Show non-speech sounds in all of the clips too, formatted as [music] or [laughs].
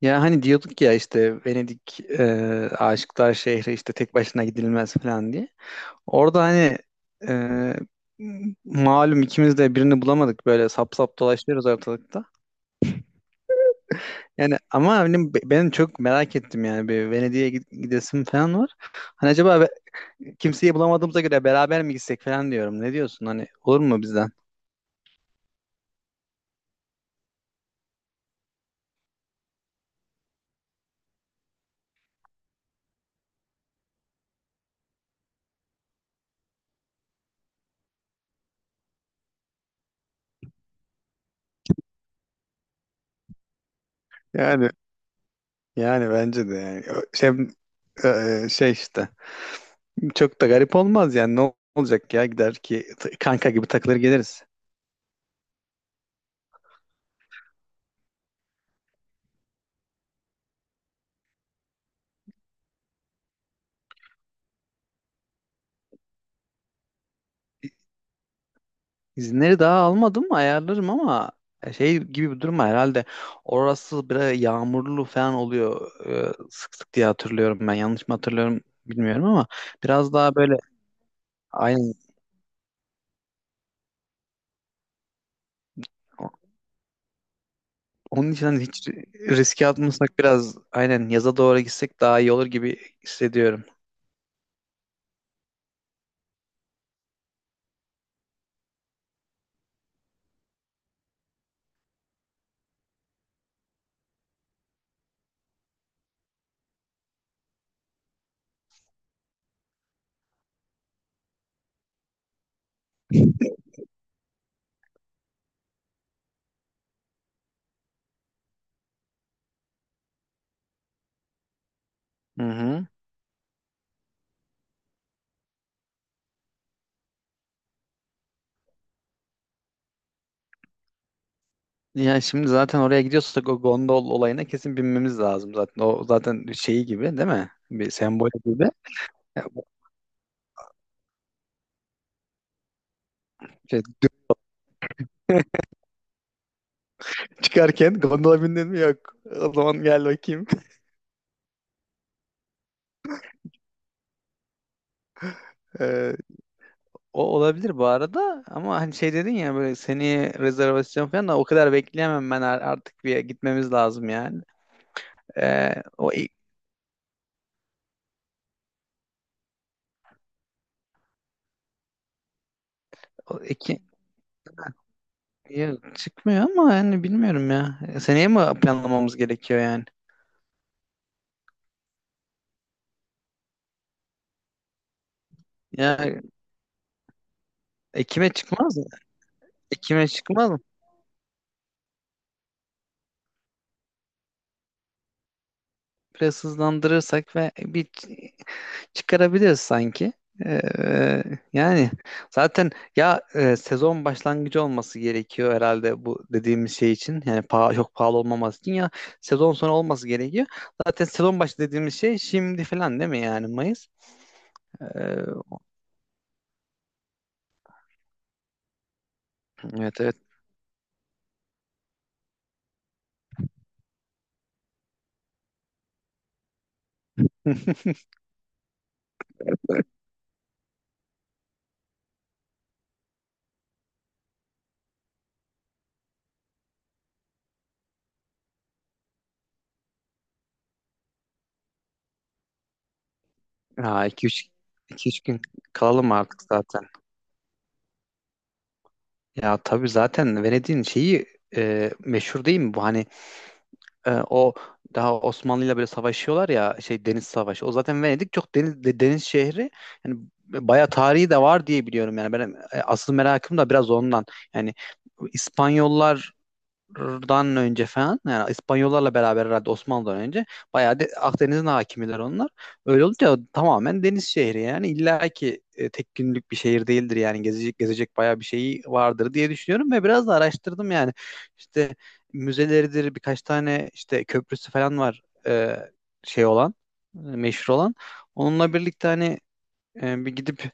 Ya hani diyorduk ya işte Venedik aşıklar şehri işte tek başına gidilmez falan diye. Orada hani e, malum ikimiz de birini bulamadık böyle sap sap dolaşıyoruz ortalıkta. Yani ama benim çok merak ettim yani bir Venedik'e gidesim falan var. Hani kimseyi bulamadığımıza göre beraber mi gitsek falan diyorum. Ne diyorsun hani olur mu bizden? Yani yani bence de yani. E, şey işte. Çok da garip olmaz yani ne olacak ya gider ki kanka gibi takılır geliriz. İzinleri daha almadım ayarlarım ama şey gibi bir durum var herhalde. Orası biraz yağmurlu falan oluyor sık sık diye hatırlıyorum ben. Yanlış mı hatırlıyorum bilmiyorum ama biraz daha böyle aynı. Onun için hani hiç riske atmasak biraz aynen yaza doğru gitsek daha iyi olur gibi hissediyorum. Hı hı. Yani şimdi zaten oraya gidiyorsak o gondol olayına kesin binmemiz lazım zaten. O zaten şeyi gibi değil mi? Bir sembol gibi. Ya bu Şey, [laughs] çıkarken gondola bindin mi yok. O zaman gel bakayım. [laughs] Ee, O olabilir bu arada ama hani şey dedin ya böyle seni rezervasyon falan da o kadar bekleyemem ben artık bir gitmemiz lazım yani. O, i- o iki, Ya çıkmıyor ama yani bilmiyorum ya. Seneye mi planlamamız gerekiyor yani? Ya Ekim'e çıkmaz mı? Ekim'e çıkmaz mı? Biraz hızlandırırsak ve çıkarabiliriz sanki. Ee, Yani zaten sezon başlangıcı olması gerekiyor herhalde bu dediğimiz şey için. Yani çok pahalı olmaması için ya sezon sonu olması gerekiyor. Zaten sezon başı dediğimiz şey şimdi falan değil mi yani Mayıs? Ee, evet evet. [laughs] Ha, iki üç iki üç gün kalalım artık zaten. Ya tabii zaten Venedik'in şeyi meşhur değil mi bu? Hani o daha Osmanlı'yla böyle savaşıyorlar ya şey deniz savaşı. O zaten Venedik çok deniz şehri. Yani bayağı tarihi de var diye biliyorum yani. Ben asıl merakım da biraz ondan. Yani İspanyollar dan önce falan yani İspanyollarla beraber herhalde Osmanlı'dan önce bayağı Akdeniz'in hakimiler onlar. Öyle olunca tamamen deniz şehri yani illa ki tek günlük bir şehir değildir yani gezecek gezecek bayağı bir şeyi vardır diye düşünüyorum ve biraz da araştırdım yani işte müzeleridir birkaç tane işte köprüsü falan var, şey olan meşhur olan. Onunla birlikte hani bir gidip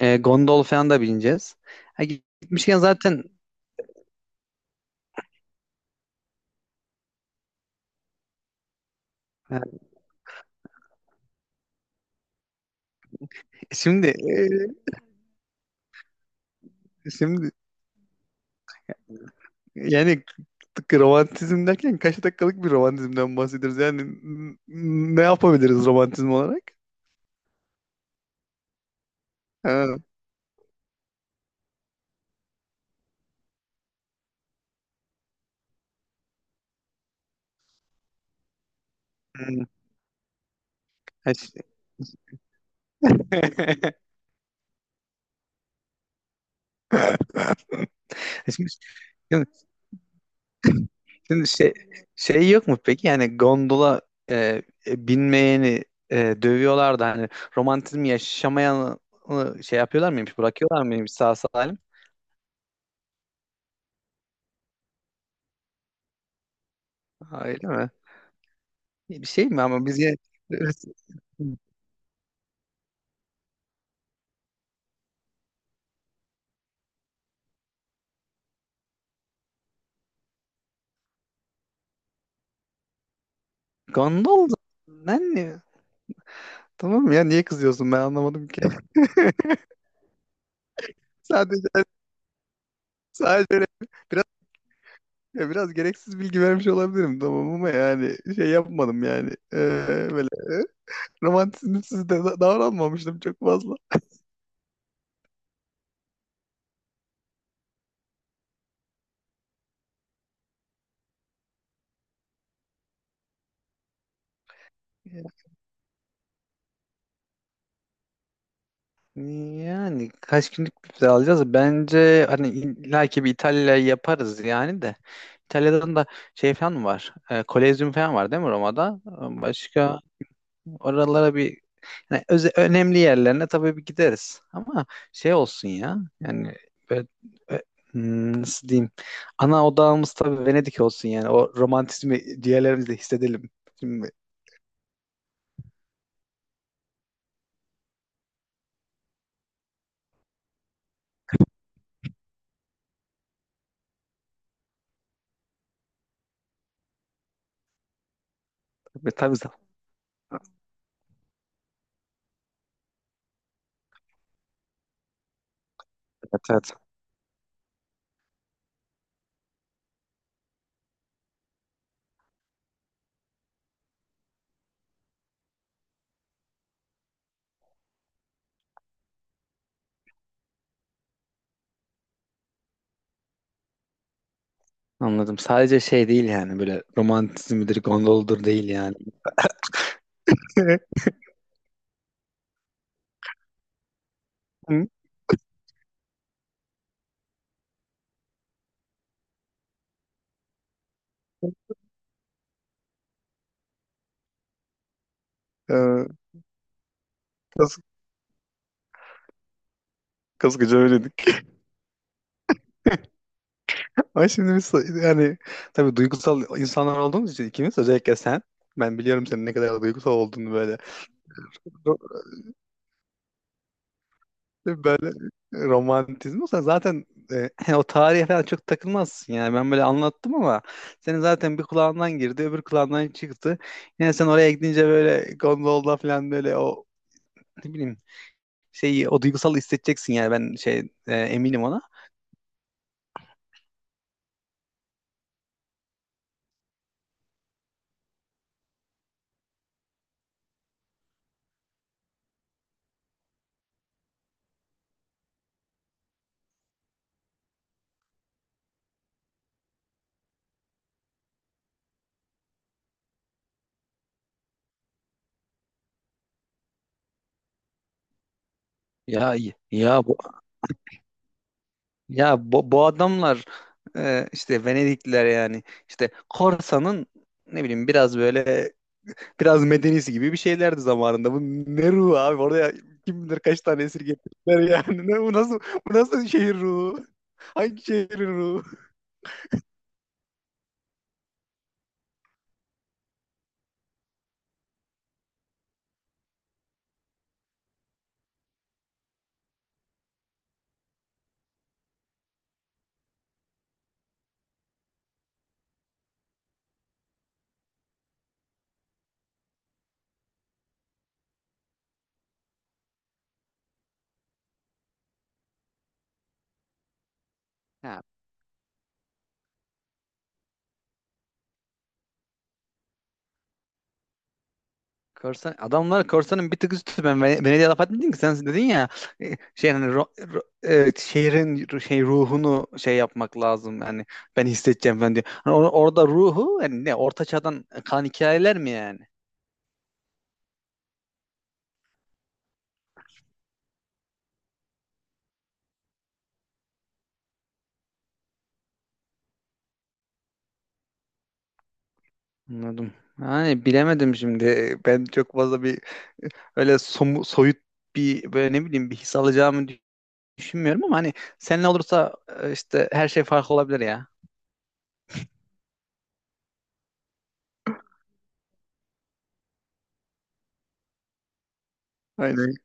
gondol falan da bineceğiz. Ha, gitmişken zaten. Ha, şimdi e, Şimdi Yani k- Romantizm derken kaç dakikalık bir romantizmden bahsediyoruz? Yani ne yapabiliriz romantizm olarak? Ha, hmm. Ha, ş- [laughs] Şimdi, şimdi- şimdi şey, şey yok mu peki? Yani gondola e, binmeyeni dövüyorlar da hani romantizmi yaşamayanı şey yapıyorlar mıymış? Bırakıyorlar mıymış sağ salim? Ha, öyle mi? Bir şey mi ama biz ya- [laughs] Gondol ben ne? Tamam ya niye kızıyorsun ben anlamadım ki. Sadece sadece öyle biraz ya biraz gereksiz bilgi vermiş olabilirim tamam ama yani şey yapmadım yani. Böyle romantizmsiz davranmamıştım çok fazla. Yani kaç günlük bir vize alacağız? Bence hani illa bir İtalya yaparız yani de. İtalya'dan da şey falan mı var? E, Kolezyum falan var değil mi Roma'da? Başka Oralara bir yani önemli yerlerine tabii bir gideriz. Ama şey olsun ya. Yani böyle, ö- nasıl diyeyim? Ana odağımız tabii Venedik olsun yani. O romantizmi diğerlerimizle hissedelim. Şimdi ve tabii zaten. Evet, evet. Anladım. Sadece şey değil yani böyle romantizmidir, gondoludur değil yani. [laughs] Hı? Ee, kas, kaskıca öyledik. Ama şimdi biz yani tabii duygusal insanlar olduğumuz için ikimiz özellikle sen, ben biliyorum senin ne kadar duygusal olduğunu. Böyle Ro- böyle romantizm olsa zaten [laughs] o tarihe falan çok takılmazsın yani ben böyle anlattım ama senin zaten bir kulağından girdi öbür kulağından çıktı, yine sen oraya gidince böyle gondolda falan böyle o, ne bileyim, şeyi o duygusal hissedeceksin yani ben şey eminim ona. Ya ya Ya bu, bu adamlar işte Venedikliler yani işte Korsa'nın ne bileyim biraz böyle biraz medenisi gibi bir şeylerdi zamanında. Bu ne ruhu abi, oraya kim bilir kaç tane esir getirdiler yani. [laughs] Ne, bu nasıl bu nasıl şehir ruhu? Hangi şehrin ruhu? Korsan, adamlar korsanın bir tık üstü. Ben Venedik'e laf etmedim ki, sen dedin ya e, şey hani ro- ro- şehrin ruhunu şey yapmak lazım yani ben hissedeceğim ben diyor. Hani orada ruhu yani ne orta çağdan kalan hikayeler mi yani? Anladım. Yani bilemedim şimdi. Ben çok fazla bir öyle soyut bir böyle ne bileyim bir his alacağımı düşünmüyorum ama hani seninle olursa işte her şey farklı olabilir ya. Aynen.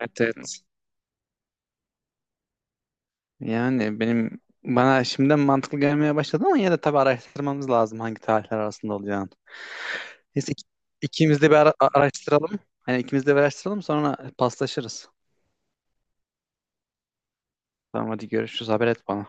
Evet evet. Yani bana şimdiden mantıklı gelmeye başladı ama yine de tabii araştırmamız lazım hangi tarihler arasında olacağını. Neyse ikimiz de araştıralım. Hani ikimiz de bir araştıralım sonra paslaşırız. Tamam hadi görüşürüz, haber et bana.